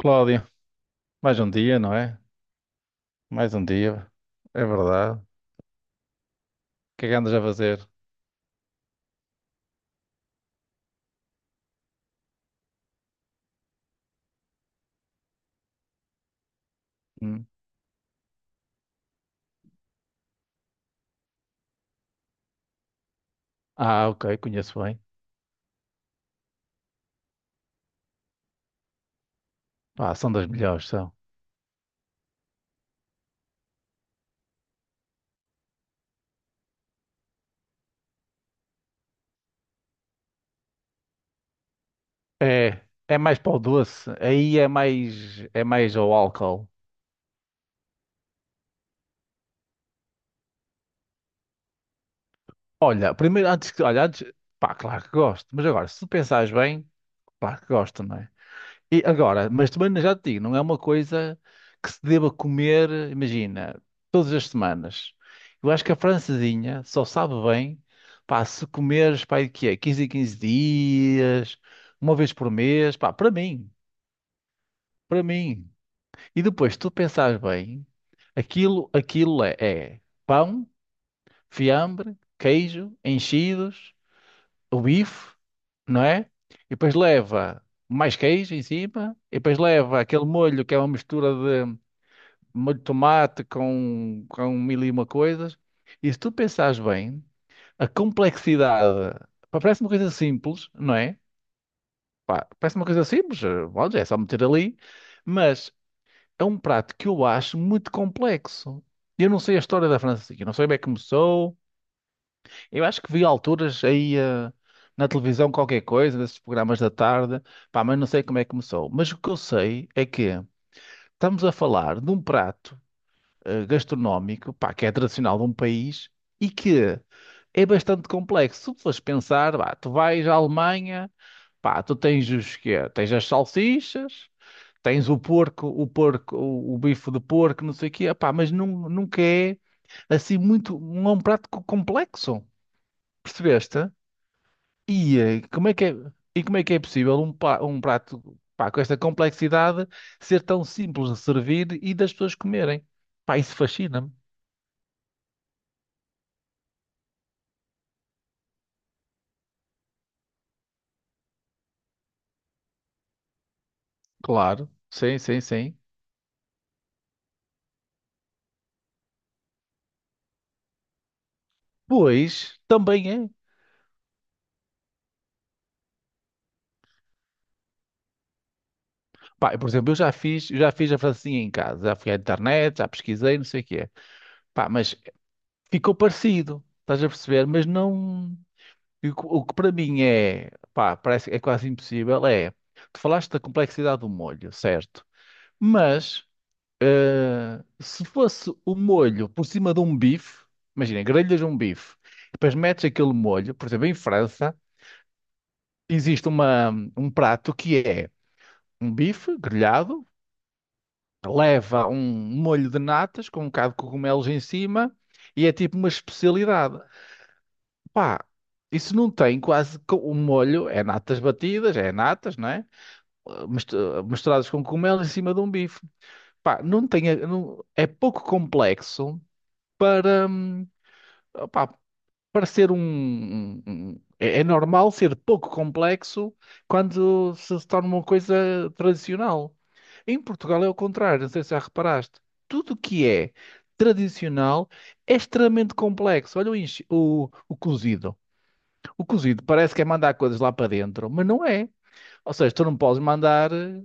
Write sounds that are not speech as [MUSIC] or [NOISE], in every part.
Cláudio, mais um dia, não é? Mais um dia, é verdade. O que é que andas a fazer? Hum. Ah, ok, conheço bem. Ah, são das melhores, são. É, é mais para o doce, aí é mais ao álcool. Olha, primeiro, antes que, olha, antes, pá, claro que gosto, mas agora, se tu pensares bem, claro que gosto, não é? E agora, mas também já te digo, não é uma coisa que se deva comer, imagina, todas as semanas. Eu acho que a francesinha só sabe bem, pá, se comeres, pá, o que é, 15 em 15 dias, uma vez por mês, pá, para mim, para mim. E depois, se tu pensares bem, aquilo, aquilo é, é pão, fiambre, queijo, enchidos, o bife, não é? E depois leva mais queijo em cima, e depois leva aquele molho que é uma mistura de molho de tomate com mil e uma coisas. E se tu pensares bem, a complexidade, pá, parece uma coisa simples, não é? Pá, parece uma coisa simples, bom, é só meter ali, mas é um prato que eu acho muito complexo. Eu não sei a história da França, eu não sei bem como começou. Eu acho que vi alturas aí na televisão qualquer coisa, desses programas da tarde, pá, mas não sei como é que começou. Mas o que eu sei é que estamos a falar de um prato gastronómico, pá, que é tradicional de um país e que é bastante complexo. Se tu fores pensar, pá, tu vais à Alemanha, pá, tu tens os quê? Tens as salsichas, tens o porco, o porco, o bife de porco, não sei o quê, pá, mas nunca é assim muito, não é um prato complexo. Percebeste? E como é que é, e como é que é possível um, um prato, pá, com esta complexidade ser tão simples de servir e das pessoas comerem? Pá, isso fascina-me. Claro, sim, sim, sim. Pois, também é. Pá, por exemplo, eu já fiz a francesinha em casa, já fui à internet, já pesquisei, não sei o que é. Pá, mas ficou parecido, estás a perceber? Mas não. O que para mim é, pá, parece que é quase impossível é. Tu falaste da complexidade do molho, certo? Mas. Se fosse o molho por cima de um bife, imagina, grelhas de um bife, depois metes aquele molho, por exemplo, em França, existe uma, um prato que é um bife grelhado, leva um molho de natas com um bocado de cogumelos em cima e é tipo uma especialidade. Pá, isso não tem quase. O molho é natas batidas, é natas, não é? Misturadas com cogumelos em cima de um bife. Pá, não tem. É pouco complexo para. Parecer um, É é normal ser pouco complexo quando se torna uma coisa tradicional. Em Portugal é o contrário, não sei se já reparaste. Tudo o que é tradicional é extremamente complexo. Olha o, o cozido. O cozido parece que é mandar coisas lá para dentro, mas não é. Ou seja, tu não podes mandar...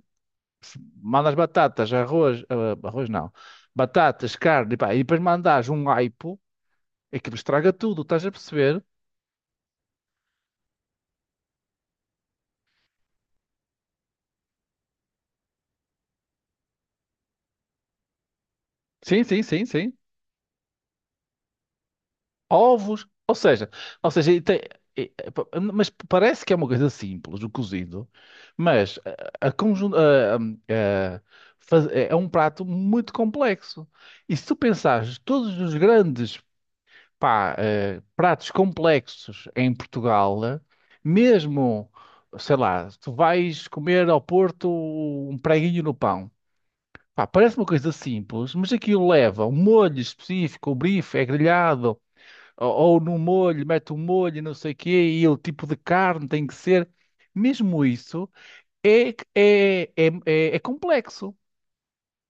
Mandas batatas, arroz... ah, arroz não. Batatas, carne, pá, e depois mandas um aipo, aquilo estraga tudo, estás a perceber? Sim, sim, sim, sim. Ovos, ou seja, e- e- pa- mas parece que é uma coisa simples, o cozido, mas a conjun- a- faz- é é um prato muito complexo. E se tu pensares todos os grandes pá, pratos complexos em Portugal, mesmo, sei lá, tu vais comer ao Porto um preguinho no pão. Pá, parece uma coisa simples, mas aquilo leva um molho específico, o bife é grelhado, ou no molho, mete o molho, e não sei o quê, e o tipo de carne tem que ser. Mesmo isso é, é complexo.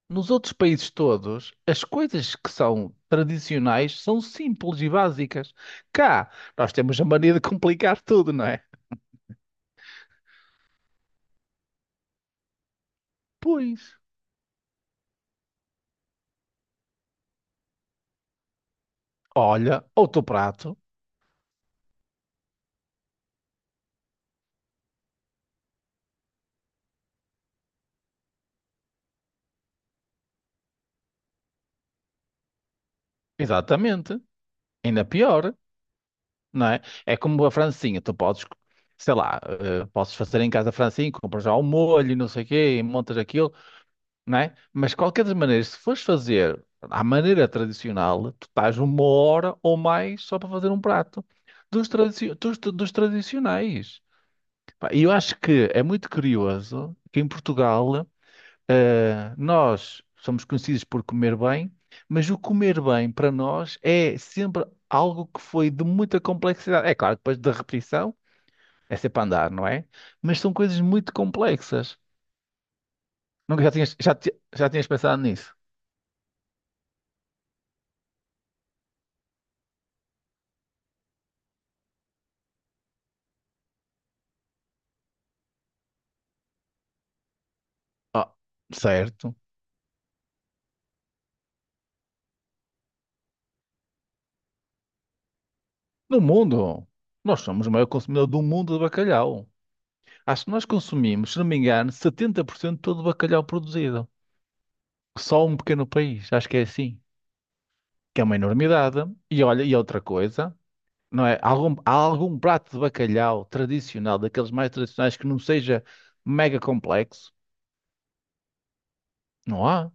Nos outros países todos, as coisas que são tradicionais são simples e básicas. Cá, nós temos a mania de complicar tudo, não é? Pois. Olha, outro prato. Exatamente. Ainda pior, não é? É como a francinha. Tu podes, sei lá, podes fazer em casa a francinha, compras já o molho, e não sei o quê, e montas aquilo, não é? Mas de qualquer das maneiras, se fores fazer à maneira tradicional, tu estás uma hora ou mais só para fazer um prato dos, dos tradicionais. Pá, e eu acho que é muito curioso que em Portugal nós somos conhecidos por comer bem, mas o comer bem para nós é sempre algo que foi de muita complexidade. É claro, depois da repetição é sempre a andar, não é? Mas são coisas muito complexas. Nunca já tinhas, já, ti- Já tinhas pensado nisso? Ah, certo. No mundo, nós somos o maior consumidor do mundo de bacalhau. Acho que nós consumimos, se não me engano, 70% de todo o bacalhau produzido. Só um pequeno país, acho que é assim. Que é uma enormidade. E olha, e outra coisa, não é? Algum, há algum prato de bacalhau tradicional, daqueles mais tradicionais, que não seja mega complexo? Não há,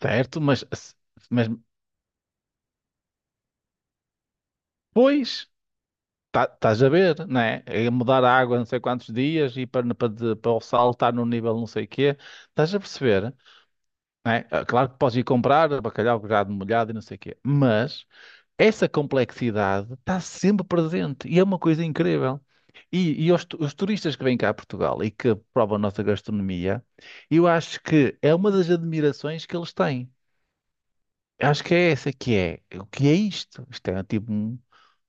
certo? Mas, pois, estás a ver, não é? É mudar a água não sei quantos dias e para, para, para o sal estar no nível não sei o quê. Estás a perceber? Né? Ah, claro que podes ir comprar bacalhau já molhado e não sei o quê, mas essa complexidade está sempre presente e é uma coisa incrível. E, os turistas que vêm cá a Portugal e que provam a nossa gastronomia, eu acho que é uma das admirações que eles têm. Eu acho que é essa que é. O que é isto? Isto é tipo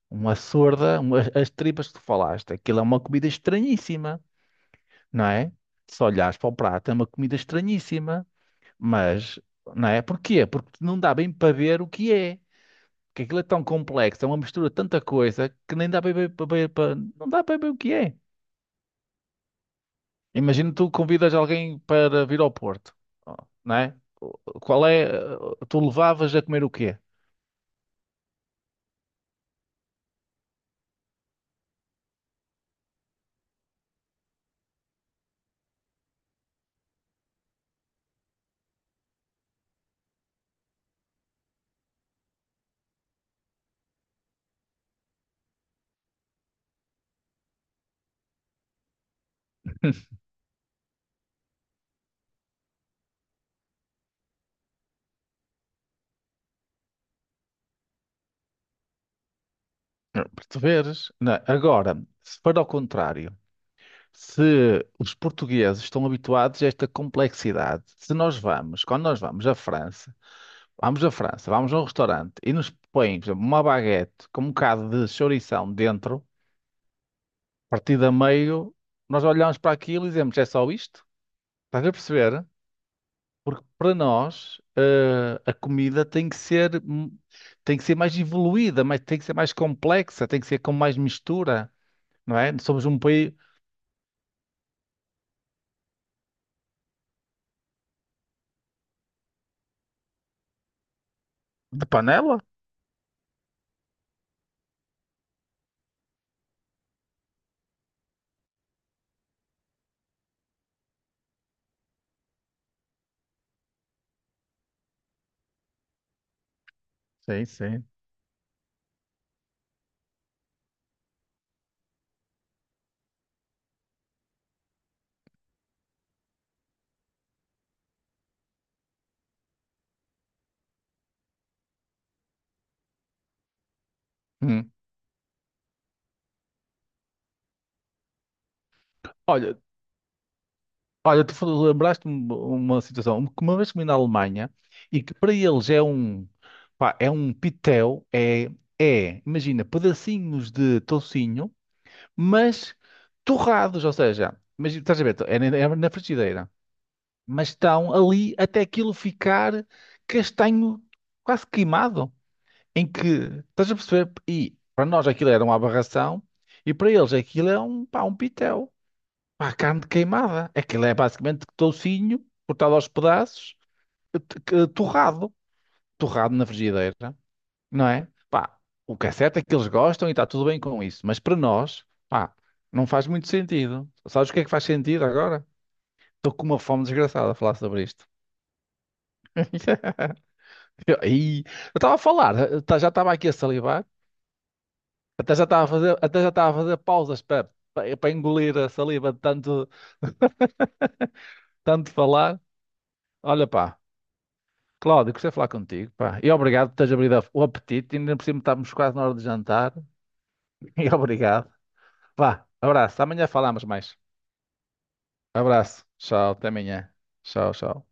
uma sorda, as tripas que tu falaste. Aquilo é uma comida estranhíssima, não é? Se olhares para o prato, é uma comida estranhíssima. Mas, não é? Porquê? Porque não dá bem para ver o que é. Porque aquilo é tão complexo, é uma mistura de tanta coisa que nem dá bem para ver não dá bem o que é. Imagina tu convidas alguém para vir ao Porto, não é? Qual é? Tu levavas a comer o quê? [LAUGHS] Não, perceberes? Não é? Agora, se for ao contrário, se os portugueses estão habituados a esta complexidade, se nós vamos, quando nós vamos à França, vamos à França, vamos a um restaurante e nos põem, por exemplo, uma baguete com um bocado de chourição dentro, partida a meio, nós olhamos para aquilo e dizemos, é só isto? Estás a perceber? Porque para nós, a comida tem que ser mais evoluída, mas tem que ser mais complexa, tem que ser com mais mistura, não é? Somos um país de panela? Sim, sim. Hum. Olha, olha, lembraste-me uma situação que uma vez comi na Alemanha e que para eles é um, pá, é um pitel, é, é, imagina, pedacinhos de toucinho, mas torrados, ou seja, mas estás a ver, é na frigideira, mas estão ali até aquilo ficar castanho quase queimado, em que, estás a perceber? E para nós aquilo era uma aberração e para eles aquilo é um, pá, um pitel. Pá, carne queimada. Aquilo é basicamente toucinho, cortado aos pedaços, torrado. Torrado na frigideira, não é? Pá, o que é certo é que eles gostam e está tudo bem com isso. Mas para nós, pá, não faz muito sentido. Sabes o que é que faz sentido agora? Estou com uma fome desgraçada a falar sobre isto. [LAUGHS] Eu estava a falar, já estava aqui a salivar, até já estava a fazer, até já estava a fazer pausas para, para, engolir a saliva de tanto, [LAUGHS] tanto falar. Olha, pá. Cláudio, gostei de falar contigo, pá. E obrigado por teres abrido o apetite. Ainda por cima estávamos quase na hora de jantar. [LAUGHS] E obrigado. Vá, abraço. Amanhã falamos mais. Abraço. Tchau, até amanhã. Tchau, tchau.